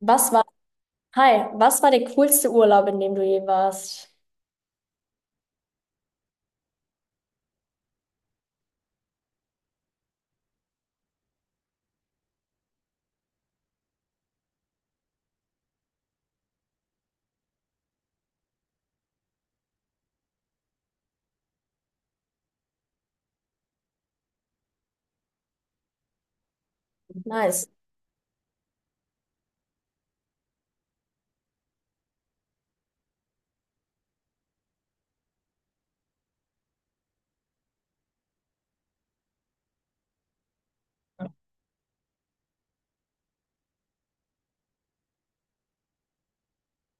Was war, hi, was war der coolste Urlaub, in dem du je warst? Nice.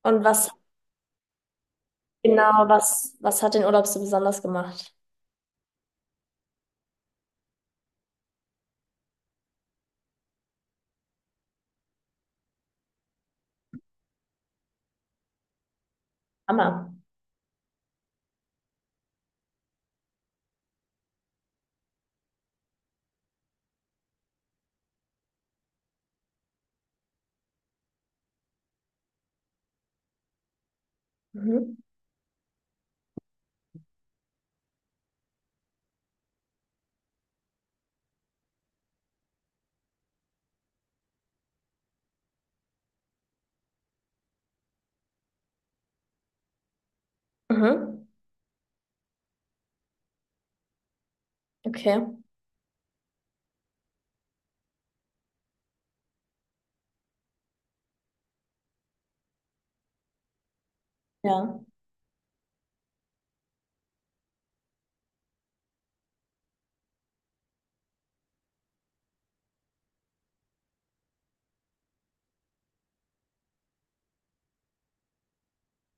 Und was genau, was, was hat den Urlaub so besonders gemacht? Hammer. Mhm. Mhm. Okay. Ja.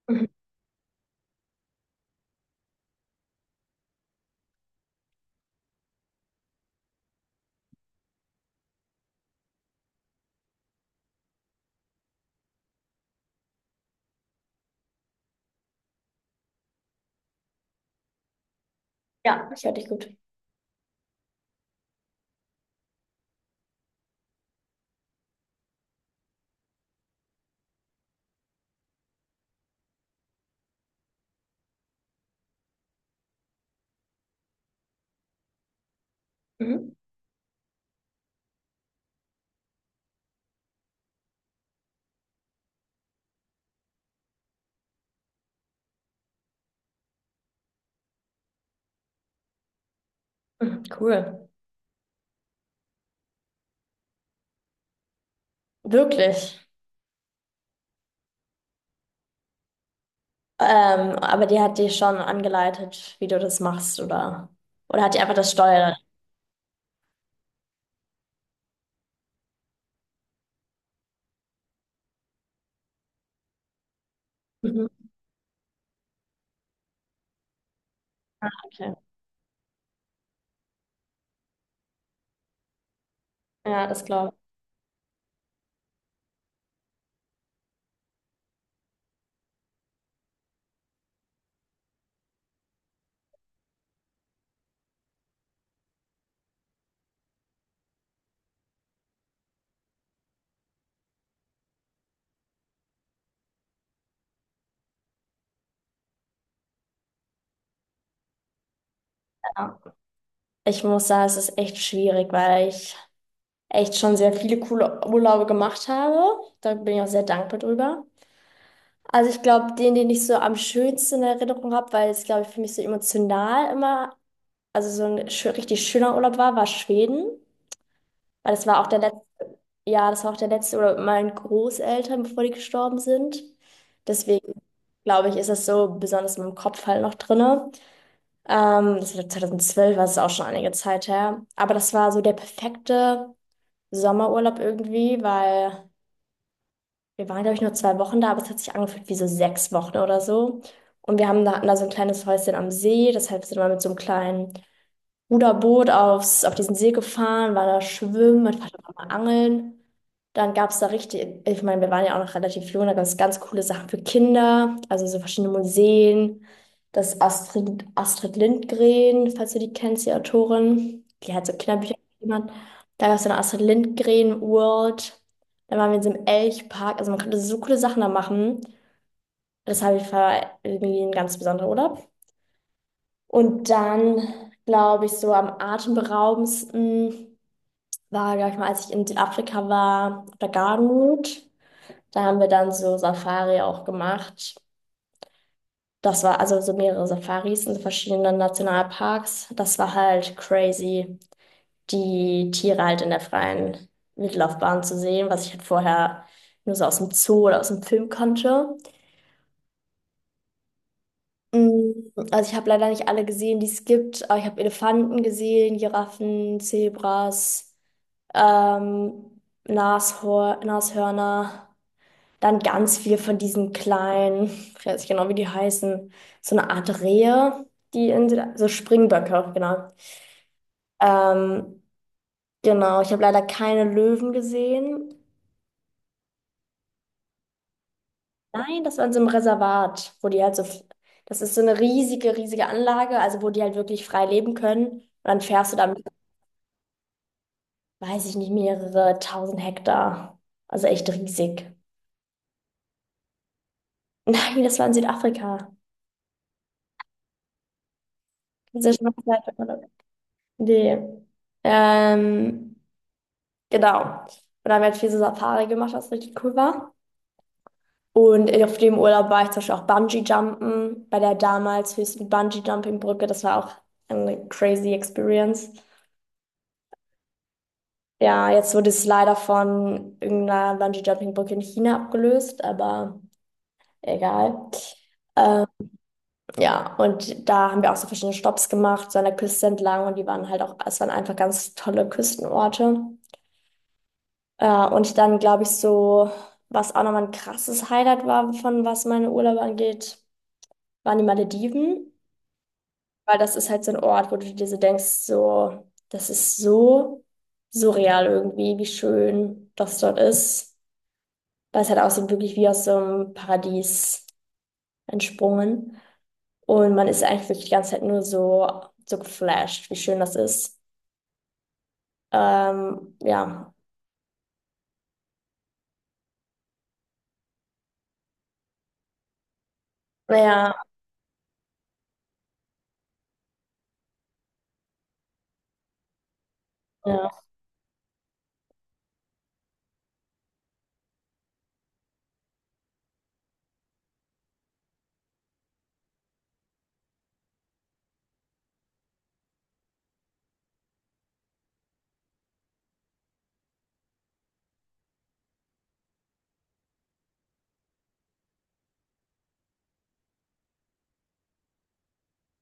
Mhm. Ja, ich höre dich gut. Mhm. Mhm. Cool. Wirklich. Aber die hat dich schon angeleitet, wie du das machst, oder? Oder hat die einfach das Steuer? Mhm, okay. Ja, das glaube ich. Ja. Ich muss sagen, es ist echt schwierig, weil ich echt schon sehr viele coole Urlaube gemacht habe. Da bin ich auch sehr dankbar drüber. Also ich glaube, den ich so am schönsten in Erinnerung habe, weil es, glaube ich, für mich so emotional immer, also so ein richtig schöner Urlaub war, war Schweden. Weil das war auch der letzte. Ja, das war auch der letzte oder mit meinen Großeltern, bevor die gestorben sind. Deswegen glaube ich, ist das so besonders in meinem Kopf halt noch drinne. Das war 2012, war es auch schon einige Zeit her. Aber das war so der perfekte Sommerurlaub irgendwie, weil wir waren, glaube ich, nur zwei Wochen da, aber es hat sich angefühlt wie so sechs Wochen oder so. Und wir haben da, hatten da so ein kleines Häuschen am See, deshalb sind wir mit so einem kleinen Ruderboot aufs, auf diesen See gefahren, war da schwimmen, ich war da auch mal angeln. Dann gab es da richtig, ich meine, wir waren ja auch noch relativ jung, da gab es ganz coole Sachen für Kinder, also so verschiedene Museen. Das Astrid, Astrid Lindgren, falls du die kennst, die Autorin, die hat so Kinderbücher gemacht. Da gab es eine Astrid Lindgren World. Dann waren wir in so einem Elchpark, also man konnte so coole Sachen da machen. Das habe ich, war irgendwie ein ganz besonderer Urlaub. Und dann, glaube ich, so am atemberaubendsten war, glaube ich mal, als ich in Südafrika war, auf der Gardenroute. Da haben wir dann so Safari auch gemacht. Das war also so mehrere Safaris in verschiedenen Nationalparks. Das war halt crazy, die Tiere halt in der freien Wildlaufbahn zu sehen, was ich halt vorher nur so aus dem Zoo oder aus dem Film kannte. Mm, also ich habe leider nicht alle gesehen, die es gibt, aber ich habe Elefanten gesehen, Giraffen, Zebras. ähm, Nashor Nashörner, dann ganz viel von diesen kleinen, ich weiß nicht genau, wie die heißen, so eine Art Rehe, die in, Süda- so Springböcke, genau. Ähm, genau, ich habe leider keine Löwen gesehen. Nein, das war in so einem Reservat, wo die halt so, das ist so eine riesige Anlage, also wo die halt wirklich frei leben können. Und dann fährst du damit, weiß ich nicht, mehrere tausend Hektar. Also echt riesig. Nein, das war in Südafrika. Das ist ja schon mal Zeit, nee. Ähm, genau. Und dann haben wir halt viel so Safari gemacht, was richtig cool war. Und auf dem Urlaub war ich zum Beispiel auch Bungee-Jumpen bei der damals höchsten Bungee-Jumping-Brücke. Das war auch eine crazy Experience. Ja, jetzt wurde es leider von irgendeiner Bungee-Jumping-Brücke in China abgelöst, aber egal. Ähm, ja, und da haben wir auch so verschiedene Stops gemacht, so an der Küste entlang und die waren halt auch, es waren einfach ganz tolle Küstenorte. Ja, und dann glaube ich so, was auch nochmal ein krasses Highlight war, von was meine Urlaube angeht, waren die Malediven, weil das ist halt so ein Ort, wo du dir so denkst, so, das ist so surreal irgendwie, wie schön das dort ist, weil es halt aussieht wirklich wie aus so einem Paradies entsprungen und man ist eigentlich wirklich die ganze Zeit nur so, so geflasht, wie schön das ist. Ähm, ja, naja, ja,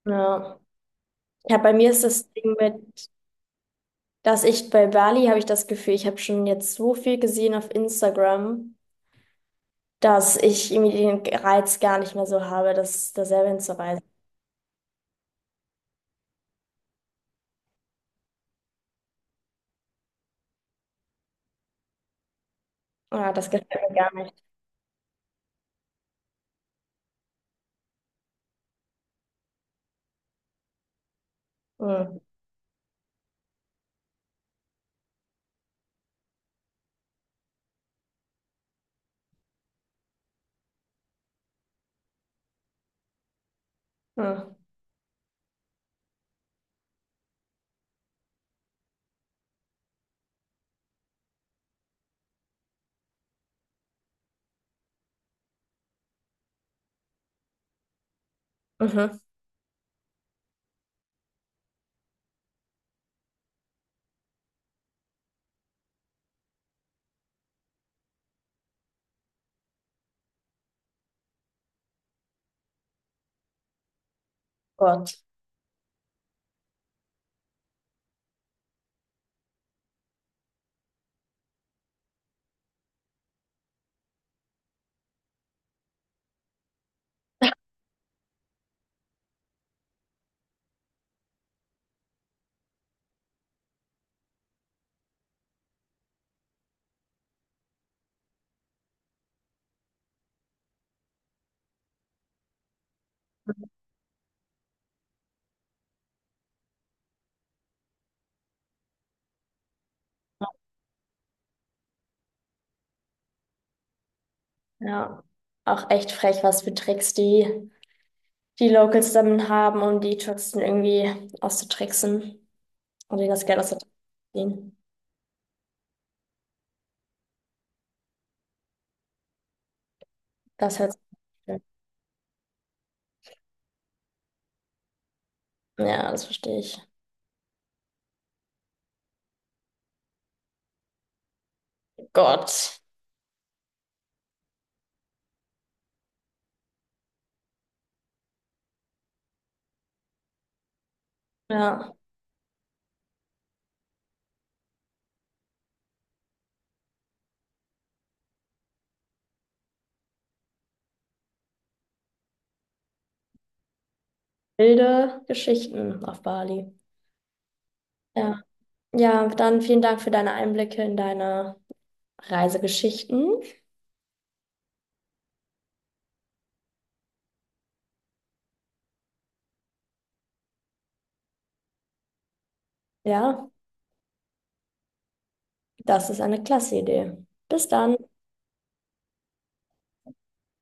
ja. Ja, bei mir ist das Ding mit, dass ich bei Bali habe ich das Gefühl, ich habe schon jetzt so viel gesehen auf Instagram, dass ich irgendwie den Reiz gar nicht mehr so habe, das da selber hinzureisen. Ja, das gefällt mir gar nicht. Mhm. Mhm. Mhm. Gott, ja. Auch echt frech, was für Tricks die, die Locals dann haben, um die Touristen irgendwie auszutricksen und ihnen das Geld auszuziehen. Das hört sich an. Ja, das verstehe ich. Gott. Ja. Wilde Geschichten auf Bali. Ja. Ja, dann vielen Dank für deine Einblicke in deine Reisegeschichten. Ja, das ist eine klasse Idee. Bis dann.